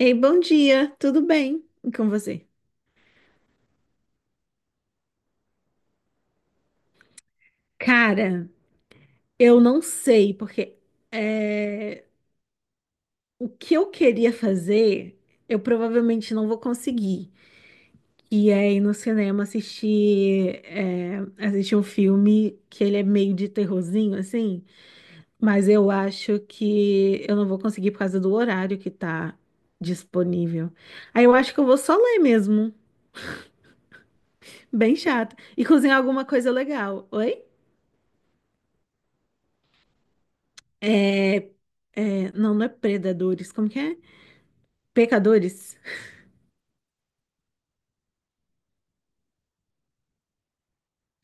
Ei, bom dia, tudo bem? E com você? Cara, eu não sei, porque é, o que eu queria fazer, eu provavelmente não vou conseguir. E é ir no cinema assistir, assistir um filme que ele é meio de terrorzinho, assim, mas eu acho que eu não vou conseguir por causa do horário que tá disponível. Aí eu acho que eu vou só ler mesmo, bem chato, e cozinhar alguma coisa legal. Oi? É, não, não é predadores, como que é? Pecadores?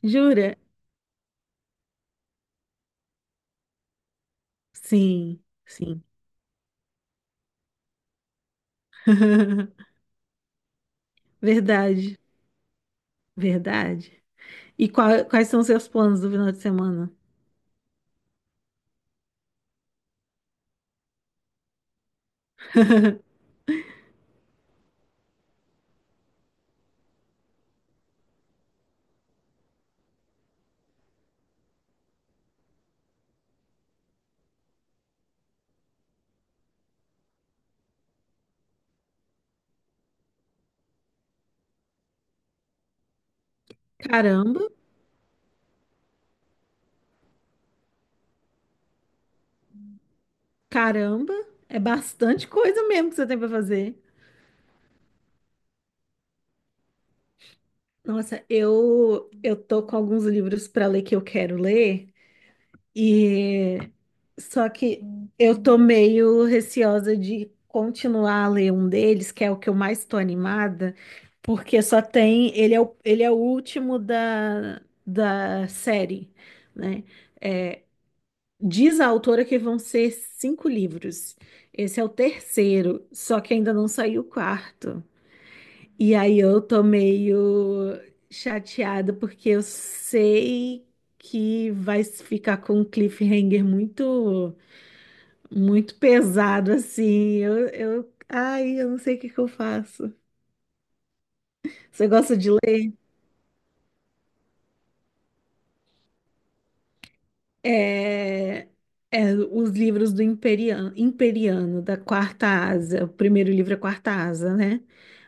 Jura? Sim, sim. Verdade, verdade. E quais são seus planos do final de semana? Caramba, caramba, é bastante coisa mesmo que você tem para fazer. Nossa, eu tô com alguns livros para ler que eu quero ler. E só que eu tô meio receosa de continuar a ler um deles, que é o que eu mais tô animada, porque só tem, ele é o último da série, né? Diz a autora que vão ser cinco livros. Esse é o terceiro, só que ainda não saiu o quarto. E aí eu tô meio chateada porque eu sei que vai ficar com um cliffhanger muito muito pesado assim. Ai, eu não sei o que que eu faço. Você gosta de ler? É, os livros do Imperiano, Imperiano, da Quarta Asa. O primeiro livro é Quarta Asa, né?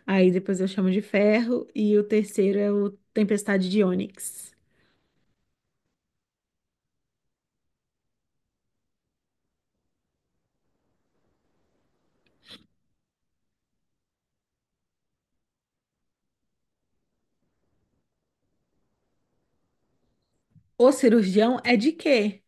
Aí depois eu chamo de Ferro e o terceiro é o Tempestade de Ônix. O cirurgião é de quê?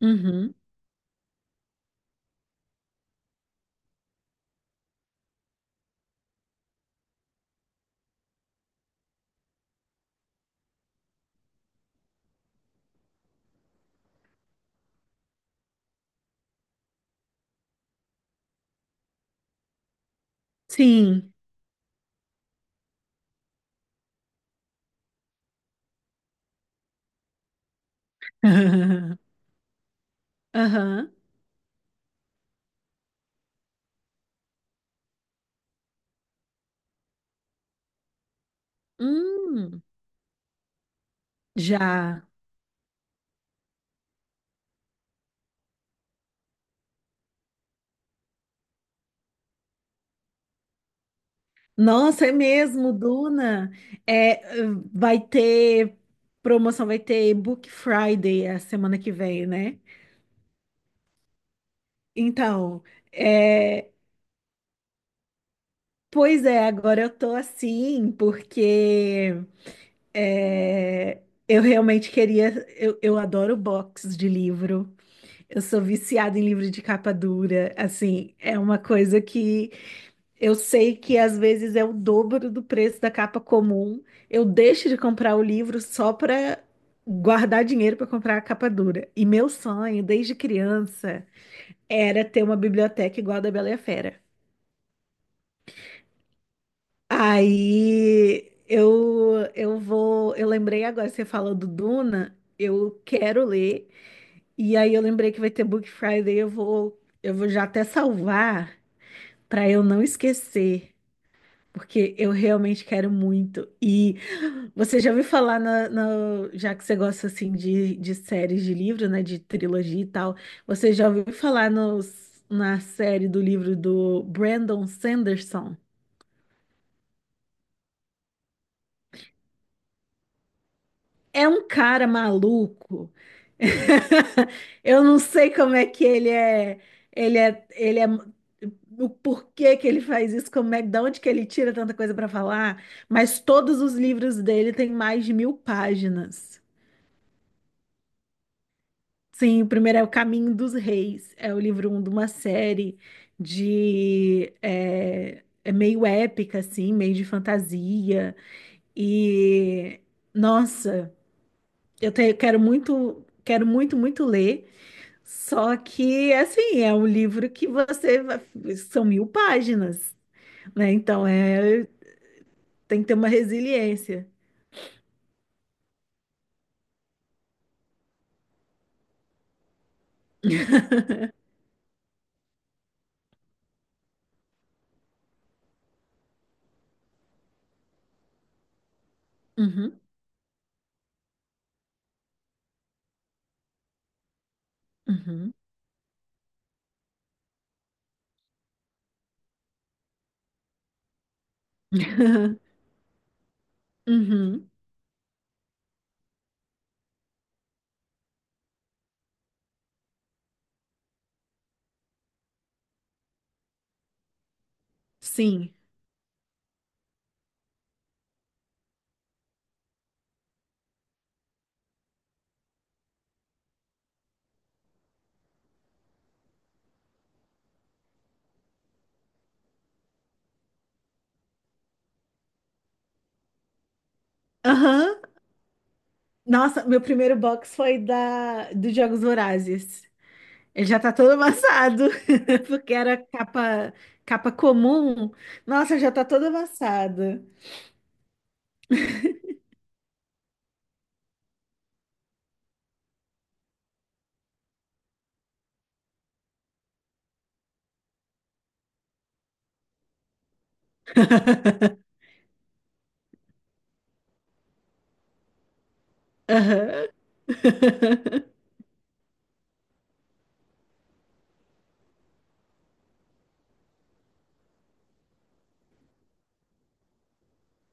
Uhum. Sim. Aham. Hum, já. Nossa, é mesmo, Duna. É, vai ter promoção, vai ter Book Friday a semana que vem, né? Então, é, pois é, agora eu tô assim, porque é, eu realmente queria. Eu adoro box de livro. Eu sou viciada em livro de capa dura. Assim, é uma coisa que eu sei que às vezes é o dobro do preço da capa comum. Eu deixo de comprar o livro só para guardar dinheiro para comprar a capa dura. E meu sonho, desde criança, era ter uma biblioteca igual a da Bela e a Fera. Aí eu vou. Eu lembrei agora, você falou do Duna, eu quero ler. E aí eu lembrei que vai ter Book Friday, eu vou já até salvar para eu não esquecer. Porque eu realmente quero muito. E você já ouviu falar, já que você gosta assim de séries de livro, né? De trilogia e tal, você já ouviu falar na série do livro do Brandon Sanderson? É um cara maluco. Eu não sei como é que ele é, ele é, o porquê que ele faz isso, como é, de onde que ele tira tanta coisa para falar, mas todos os livros dele têm mais de mil páginas. Sim, o primeiro é O Caminho dos Reis, é o livro um de uma série de é meio épica assim, meio de fantasia e nossa, quero muito, muito ler. Só que assim é um livro que são mil páginas, né? Então é tem que ter uma resiliência. Uhum, uhum. Uhum, sim. Aham. Nossa, meu primeiro box foi da dos Jogos Vorazes. Ele já tá todo amassado, porque era capa comum. Nossa, já tá todo amassado. Aham.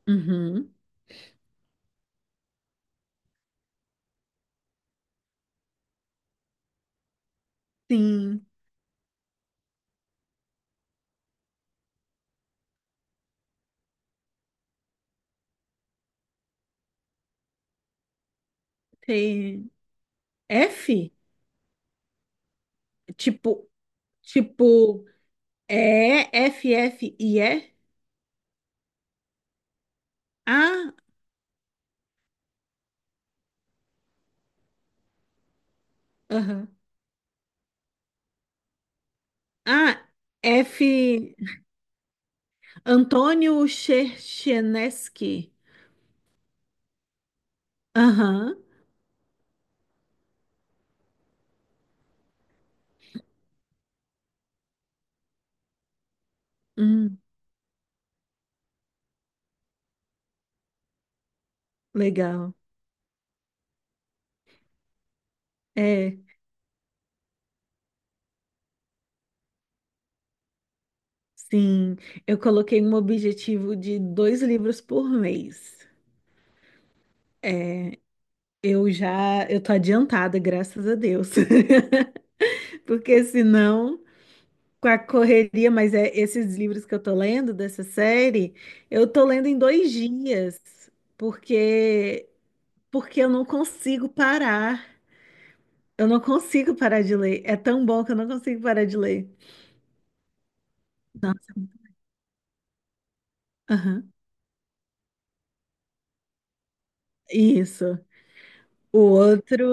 Uhum. Sim, tem F, tipo, tipo, é F, F e E? Ah, aham. Ah, F, Antônio Cherchenesky. Aham. Hum, legal. É. Sim, eu coloquei um objetivo de dois livros por mês. Eu tô adiantada, graças a Deus. Porque senão, com a correria, mas é esses livros que eu tô lendo dessa série, eu tô lendo em 2 dias, porque porque eu não consigo parar. Eu não consigo parar de ler. É tão bom que eu não consigo parar de ler. Nossa. Aham. Isso. O outro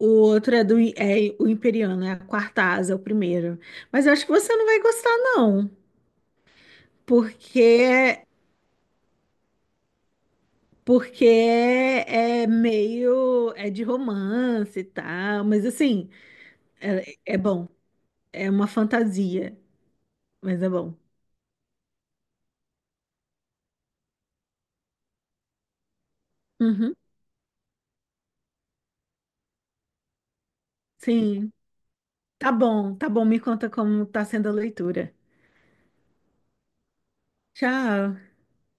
O outro é do é o Imperiano, é a quarta asa, é o primeiro. Mas eu acho que você não vai gostar, não, porque porque é meio de romance e tal, mas assim, é, é bom. É uma fantasia, mas é bom. Uhum, sim. Tá bom, tá bom. Me conta como tá sendo a leitura. Tchau.